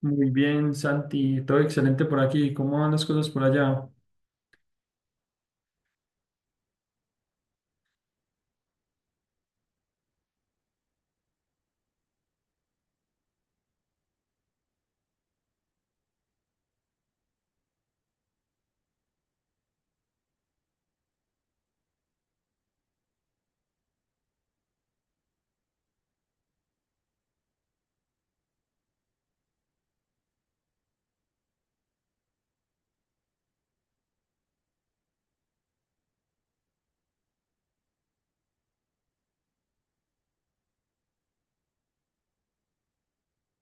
Muy bien, Santi, todo excelente por aquí. ¿Cómo van las cosas por allá?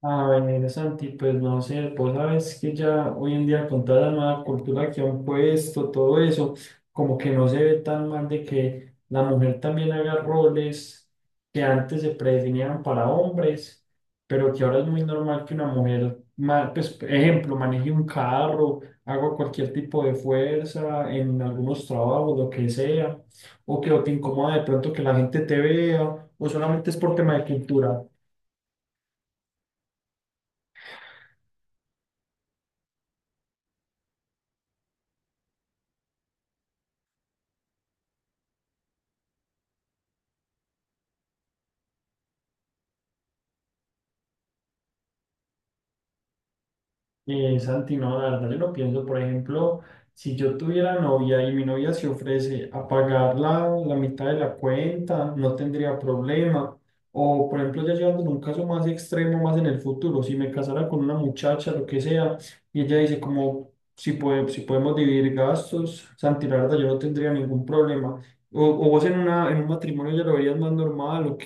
A ver, Santi, pues no sé, vos sabes que ya hoy en día con toda la nueva cultura que han puesto, todo eso, como que no se ve tan mal de que la mujer también haga roles que antes se predefinían para hombres, pero que ahora es muy normal que una mujer, pues, por ejemplo, maneje un carro, haga cualquier tipo de fuerza en algunos trabajos, lo que sea, o que o te incomoda de pronto que la gente te vea, o solamente es por tema de cultura. Santi, no, la verdad yo lo pienso, por ejemplo, si yo tuviera novia y mi novia se ofrece a pagar la mitad de la cuenta, no tendría problema. O, por ejemplo, ya llevándolo a un caso más extremo, más en el futuro, si me casara con una muchacha, lo que sea, y ella dice como, si, puede, si podemos dividir gastos, Santi, la verdad yo no tendría ningún problema. O vos en, una, en un matrimonio ya lo verías más normal, ok.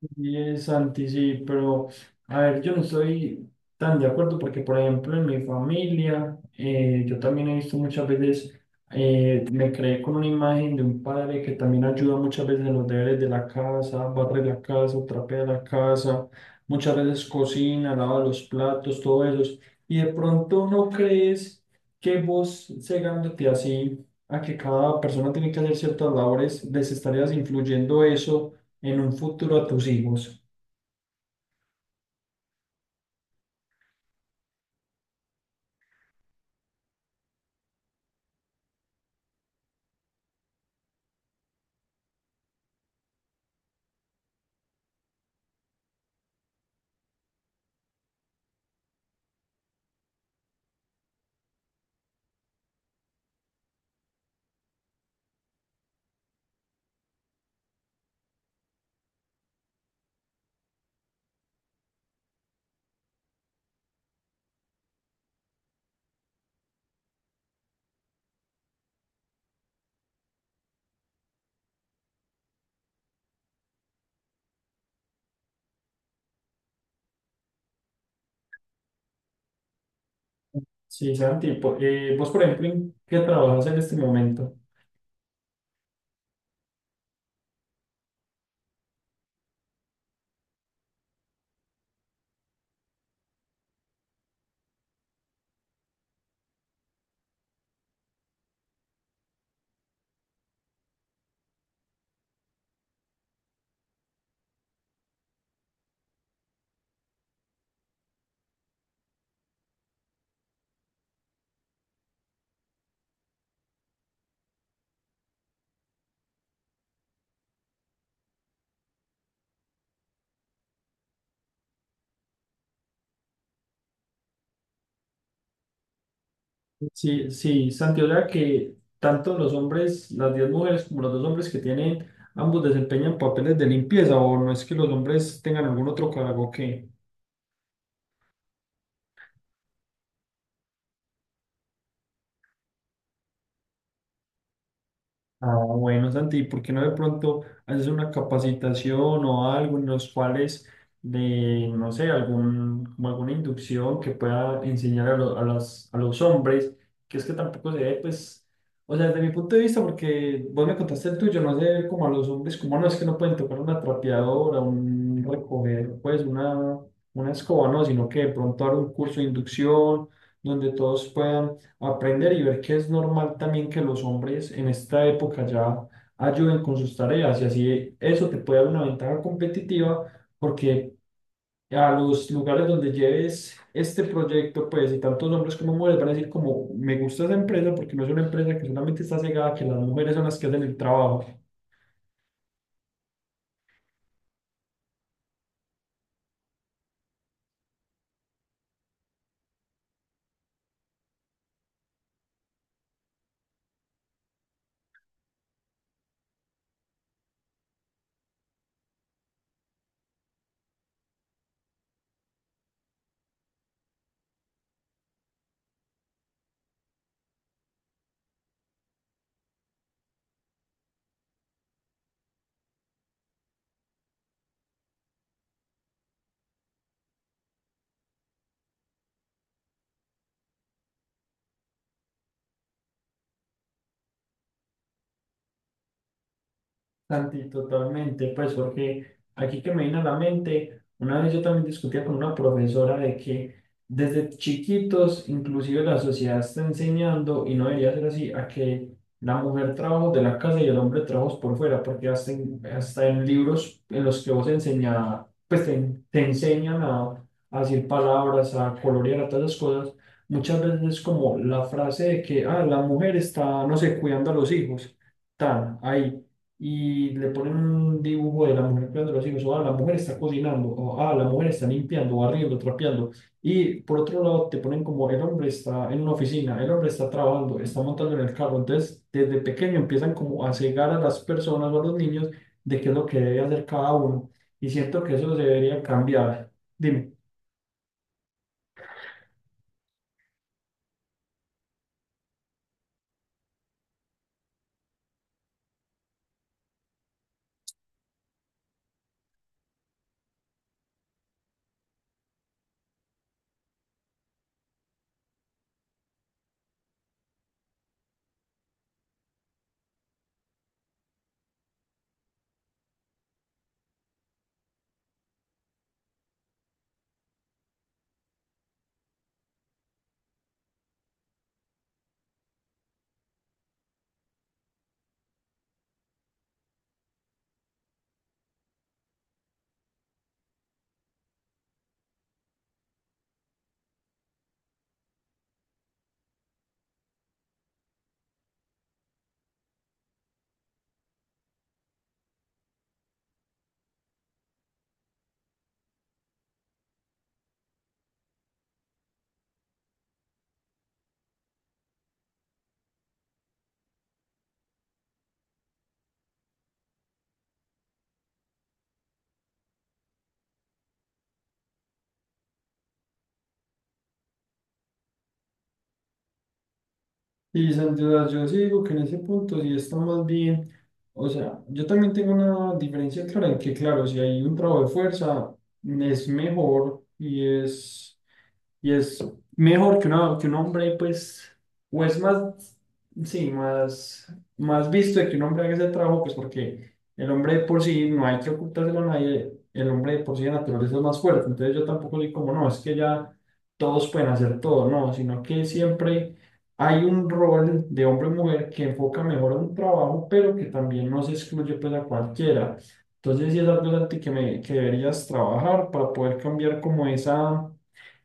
Sí, es Santi, sí, pero a ver, yo no estoy tan de acuerdo porque, por ejemplo, en mi familia, yo también he visto muchas veces, me creé con una imagen de un padre que también ayuda muchas veces en los deberes de la casa, barre la casa, trapea la casa, muchas veces cocina, lava los platos, todo eso. Y de pronto no crees que vos cegándote así a que cada persona tiene que hacer ciertas labores, les estarías influyendo eso en un futuro a tus hijos. Sí, Santi, vos, por ejemplo, ¿en qué trabajas en este momento? Sí, sí, Santi, o sea que tanto los hombres, las 10 mujeres como los dos hombres que tienen, ambos desempeñan papeles de limpieza, o no es que los hombres tengan algún otro cargo que… Ah, bueno, Santi, ¿por qué no de pronto haces una capacitación o algo en los cuales de, no sé, algún, como alguna inducción que pueda enseñar a, a las, a los hombres? Que es que tampoco se ve, pues, o sea, desde mi punto de vista, porque vos me contaste el tuyo, no sé, como a los hombres, como no es que no pueden tocar una trapeadora, un recoger, pues, una escoba, no, sino que de pronto dar un curso de inducción donde todos puedan aprender y ver que es normal también que los hombres en esta época ya ayuden con sus tareas y así eso te puede dar una ventaja competitiva porque a los lugares donde lleves este proyecto, pues, y tantos hombres como mujeres van a decir como, me gusta esa empresa porque no es una empresa que solamente está cegada, que las mujeres son las que hacen el trabajo. Santi, totalmente, pues porque aquí que me vino a la mente, una vez yo también discutía con una profesora de que desde chiquitos inclusive la sociedad está enseñando, y no debería ser así, a que la mujer trabaja de la casa y el hombre trabaja por fuera, porque hasta en, hasta en libros en los que vos enseña, pues te enseñan a decir palabras, a colorear, a todas esas cosas, muchas veces es como la frase de que, ah, la mujer está, no sé, cuidando a los hijos, tan ahí y le ponen un dibujo de la mujer cuidando a los hijos, o ah, la mujer está cocinando, o ah, la mujer está limpiando, barriendo, trapeando. Y por otro lado te ponen como el hombre está en una oficina, el hombre está trabajando, está montando en el carro. Entonces, desde pequeño empiezan como a cegar a las personas o a los niños de qué es lo que debe hacer cada uno. Y siento que eso debería cambiar. Dime. Y sin duda, yo sí digo que en ese punto sí está más bien, o sea, yo también tengo una diferencia clara en que, claro, si hay un trabajo de fuerza, es mejor y es… Y es mejor que, que un hombre, pues, o es más, sí, más, más visto de que un hombre haga ese trabajo, pues porque el hombre de por sí no hay que ocultárselo a nadie, el hombre de por sí de naturaleza es más fuerte. Entonces yo tampoco soy como, no, es que ya todos pueden hacer todo, no, sino que siempre hay un rol de hombre o mujer que enfoca mejor a un trabajo, pero que también no se excluye pues a cualquiera. Entonces sí es algo en ti que, me, que deberías trabajar para poder cambiar como esa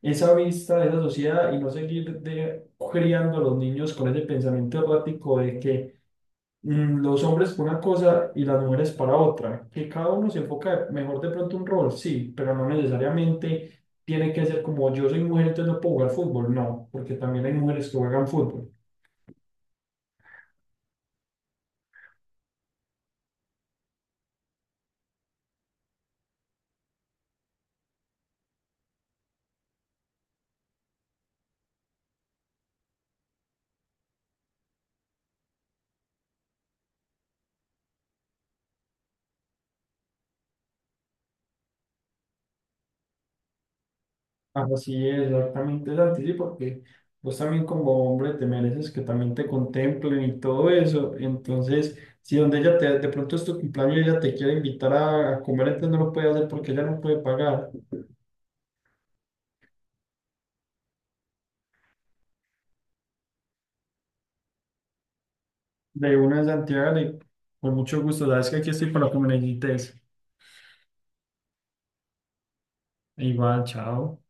esa vista de esa sociedad y no seguir de, criando a los niños con ese pensamiento errático de que los hombres para una cosa y las mujeres para otra, que cada uno se enfoca mejor de pronto un rol, sí, pero no necesariamente tiene que ser como yo soy mujer, entonces no puedo jugar fútbol, no, porque también hay mujeres que juegan fútbol. Así es, exactamente, Santi, sí, porque vos también como hombre te mereces que también te contemplen y todo eso. Entonces, si donde ella te, de pronto es tu cumpleaños y ella te quiere invitar a comer, entonces no lo puede hacer porque ella no puede pagar. De una de Santiago, y con mucho gusto, sabes que aquí estoy para lo que me necesites. Igual, chao.